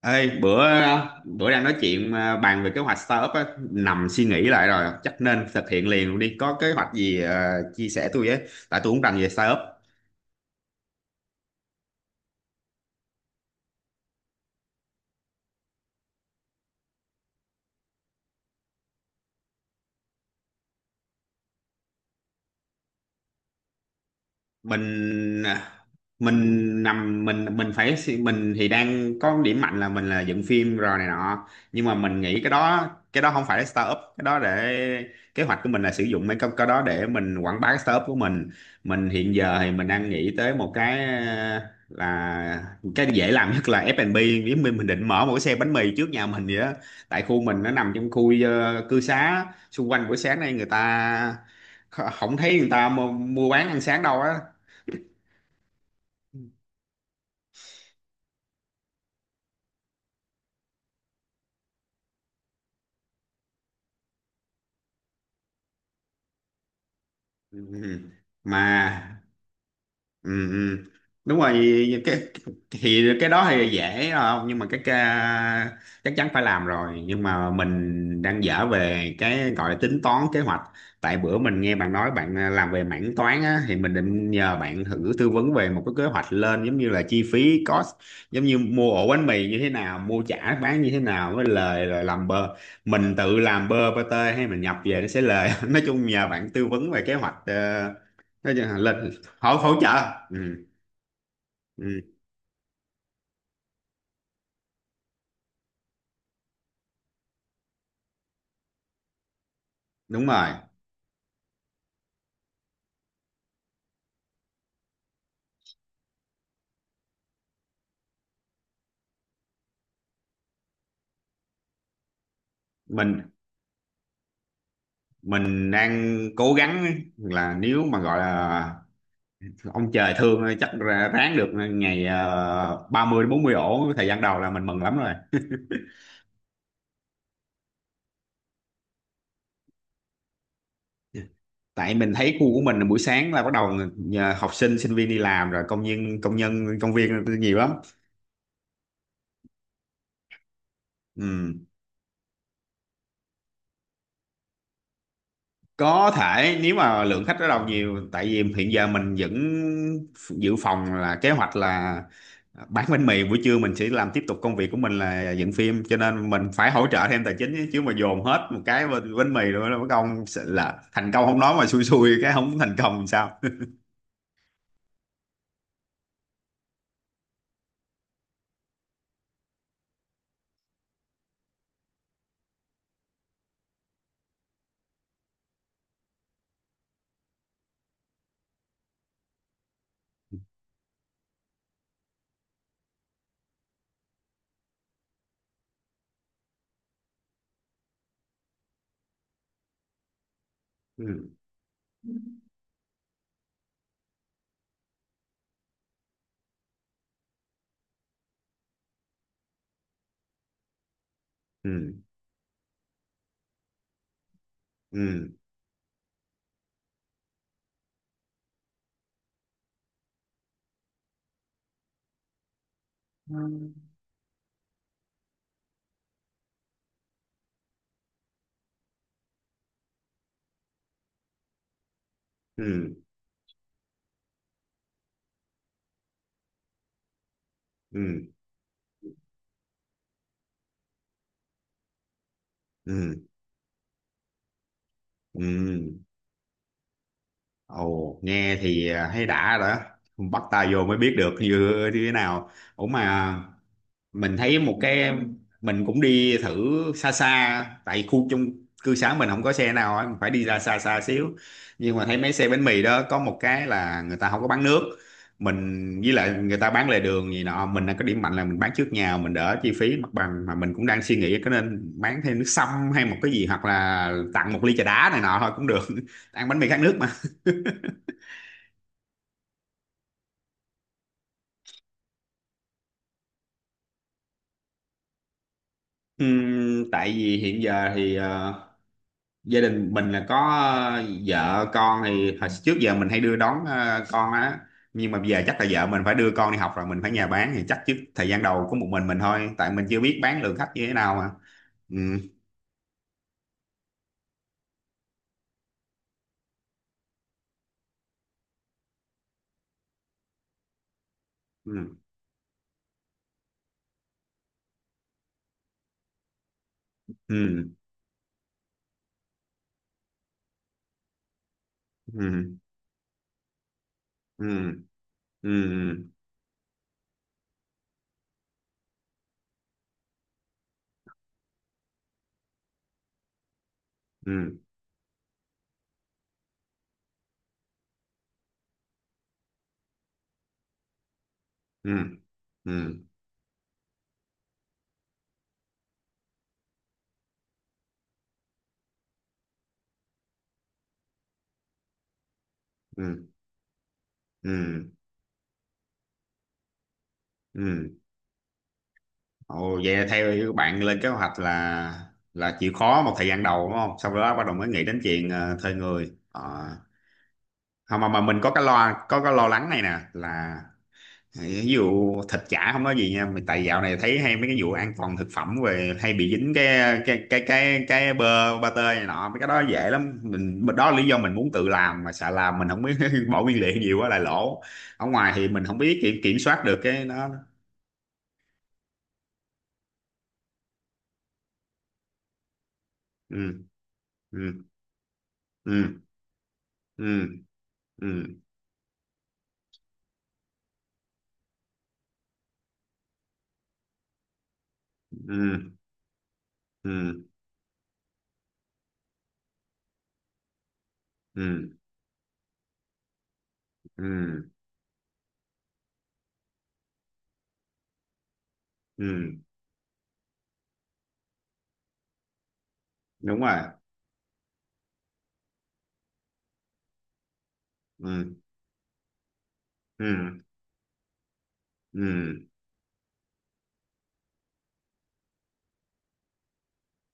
Ê, bữa bữa đang nói chuyện à, bàn về kế hoạch startup á, nằm suy nghĩ lại rồi chắc nên thực hiện liền luôn đi, có kế hoạch gì à, chia sẻ tôi với. Tại tôi cũng rành về startup. Mình à, mình nằm mình phải suy- Mình thì đang có điểm mạnh là mình là dựng phim rồi này nọ, nhưng mà mình nghĩ cái đó không phải là startup. Cái đó để Kế hoạch của mình là sử dụng cái đó để mình quảng bá cái startup của mình. Mình hiện giờ thì mình đang nghĩ tới một cái, ờ, là cái dễ làm nhất là F&B. Nếu mình định mở một cái xe bánh mì trước nhà mình vậy đó. Tại khu mình nó nằm trong khu, cư xá xung quanh buổi sáng nay người ta không thấy người ta mua bán ăn sáng đâu á. Ừ. Mà. Ừ, ừ. Đúng rồi, thì cái đó thì dễ không, nhưng mà cái chắc chắn phải làm rồi. Nhưng mà mình đang dở về cái gọi là tính toán kế hoạch. Tại bữa mình nghe bạn nói bạn, làm về mảng toán á, thì mình định nhờ bạn thử tư vấn về một cái kế hoạch lên, giống như là chi phí cost, giống như mua ổ bánh mì như thế nào, mua chả bán như thế nào với lời, rồi làm bơ. Mình tự làm bơ pate hay mình nhập về nó sẽ lời, nói chung nhờ bạn tư vấn về kế hoạch, nói chung là lên hỗ hỗ trợ. Ừ, ừ, đúng rồi. mình mình đang cố gắng là nếu mà gọi là ông trời thương, chắc ráng được ngày, 30 đến 40 ổ thời gian đầu, là mình mừng lắm rồi. Tại mình thấy khu của mình là buổi sáng là bắt đầu nhờ học sinh sinh viên đi làm, rồi công nhân công viên nhiều lắm. Ừ. Có thể, nếu mà lượng khách bắt đầu nhiều. Tại vì hiện giờ mình vẫn dự phòng là kế hoạch là bán bánh mì buổi trưa, mình sẽ làm tiếp tục công việc của mình là dựng phim, cho nên mình phải hỗ trợ thêm tài chính, chứ chứ mà dồn hết một cái bên bánh mì rồi nó công sẽ là thành công không, nói mà xui xui cái không thành công làm sao. Ừ, ừ, ừ, ừ, ừ, ừ, ừ. Ồ, nghe thì, thấy đã rồi đó. Bắt tay vô mới biết được như thế nào. Ủa mà mình thấy một cái, mình cũng đi thử xa xa. Tại khu chung cư xá mình không có xe nào á, mình phải đi ra xa xa xíu. Nhưng mà thấy mấy xe bánh mì đó có một cái là người ta không có bán nước. Mình với lại người ta bán lề đường gì nọ, mình là có điểm mạnh là mình bán trước nhà mình đỡ chi phí mặt bằng. Mà mình cũng đang suy nghĩ có nên bán thêm nước sâm hay một cái gì, hoặc là tặng một ly trà đá này nọ thôi cũng được, ăn bánh mì khát nước mà. Tại vì hiện giờ thì, gia đình mình là có, vợ con thì hồi trước giờ mình hay đưa đón, con á, nhưng mà bây giờ chắc là vợ mình phải đưa con đi học rồi mình phải nhà bán. Thì chắc trước thời gian đầu có một mình thôi, tại mình chưa biết bán lượng khách như thế nào mà. Ừ, ừ, ừ, ừ, ừ, ừ, ừ, ừ, ừ, ừ, ừ, ừ. Ồ, vậy là theo bạn lên kế hoạch là chịu khó một thời gian đầu đúng không, sau đó bắt đầu mới nghĩ đến chuyện, thuê người. Ờ. Không, mà mình có cái lo lắng này nè, là ví dụ thịt chả không có gì nha mình. Tại dạo này thấy hay mấy cái vụ an toàn thực phẩm về hay bị dính cái bơ ba tơ này nọ, mấy cái đó dễ lắm mình. Đó là lý do mình muốn tự làm mà sợ làm mình không biết, bỏ nguyên liệu nhiều quá lại lỗ. Ở ngoài thì mình không biết kiểm kiểm soát được cái đó. Ừ, ừ, ừ, ừ, ừ, ừ, ừ, ừ, ừ, ừ, ừ, đúng rồi, ừ, ừ, ừ,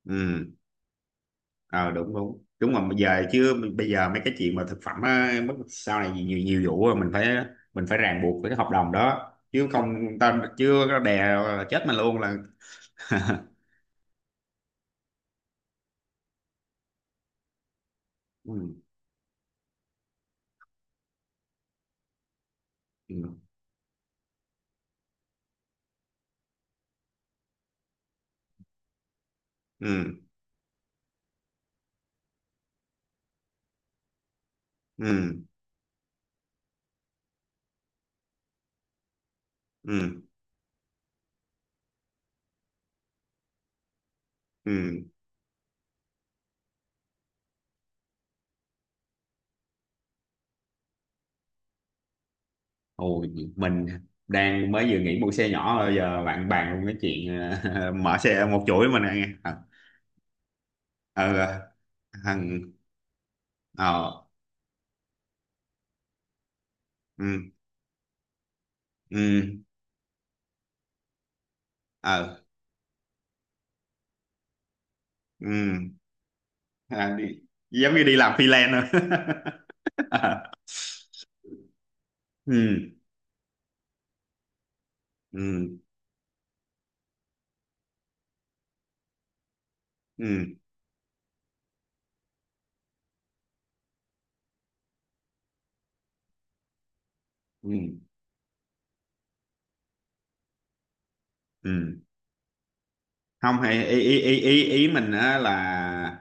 ừ. Ờ Đúng, đúng, đúng. Mà bây giờ mấy cái chuyện mà thực phẩm á, sau này nhiều nhiều vụ rồi, mình phải ràng buộc với cái hợp đồng đó, chứ không ta chưa có đè là chết mình luôn là. Ừ, ừ, ừ, ừ, ừ, ừ. Ôi, mình đang mới vừa nghỉ mua xe nhỏ rồi giờ bạn bàn luôn cái chuyện, mở xe một chuỗi mình nghe ờ ờ ờ, thằng ờ Ừ, ừ, ờ ừ. à, đi, Giống như đi làm freelance rồi. Ừ, ừ. Ừ, ừ, ừm. Không, hay ý ý ý ý, ý mình á là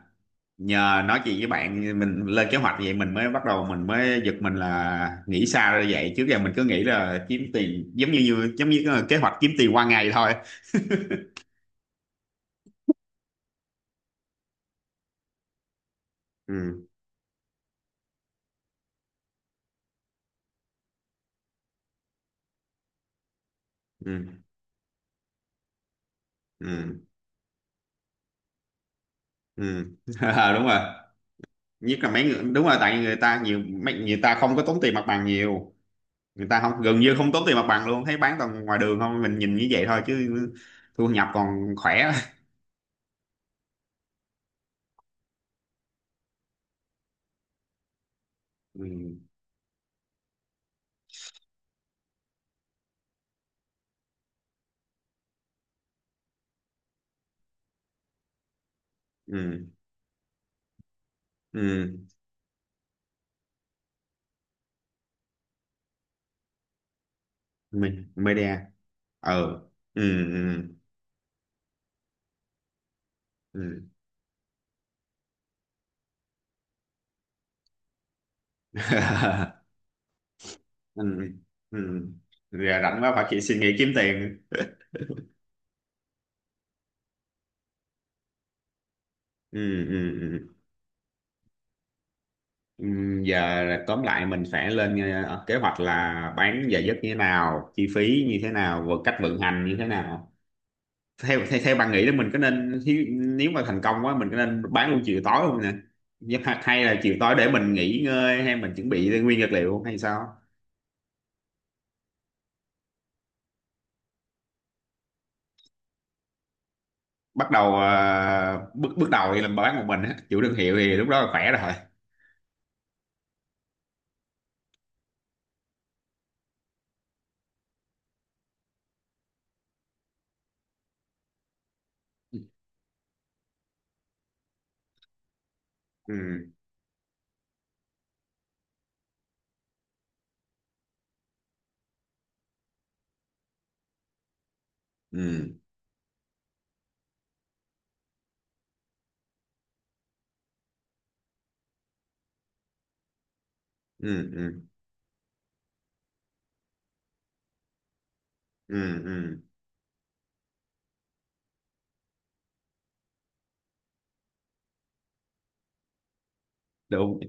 nhờ nói chuyện với bạn mình lên kế hoạch vậy, mình mới bắt đầu mình mới giật mình là nghĩ xa ra vậy. Trước giờ mình cứ nghĩ là kiếm tiền giống như như- giống như cái kế hoạch kiếm tiền qua ngày thôi. Ừ, ừ, ừ, ừ. Ờ, đúng rồi. Nhất là mấy người, đúng rồi, tại người ta nhiều, mấy người ta không có tốn tiền mặt bằng nhiều. Người ta không, gần như không tốn tiền mặt bằng luôn. Thấy bán toàn ngoài đường không, mình nhìn như vậy thôi chứ thu nhập còn khỏe. Ừ, ừ, ừ. mình mới đe ờ Ừ, ừ, ừ, ừ, ừ. Giờ rảnh quá phải chị suy nghĩ kiếm tiền. Ừ, ừ, ừ. Ừ, giờ là tóm lại mình sẽ lên, kế hoạch là bán giờ giấc như thế nào, chi phí như thế nào và cách vận hành như thế nào. Theo theo, Theo bạn nghĩ là mình có nên nếu mà thành công quá mình có nên bán luôn chiều tối không nè? Nhưng mà hay là chiều tối để mình nghỉ ngơi hay mình chuẩn bị nguyên vật liệu hay sao? Bắt đầu, ờ, bước bước đầu thì làm bán một mình á, chủ thương hiệu thì lúc đó là khỏe rồi. Ừ, ừ, ừ, ừ, ừ, ừ, đúng,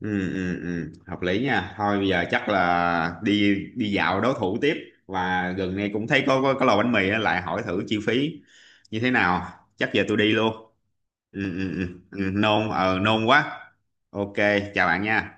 ừ, ừ, ừ, hợp lý nha. Thôi bây giờ chắc là đi, đi dạo đối thủ tiếp. Và gần đây cũng thấy có lò bánh mì á, lại hỏi thử chi phí như thế nào. Chắc giờ tôi đi luôn. Ừ, ừ, ừ, ừ, nôn quá. OK. Chào bạn nha.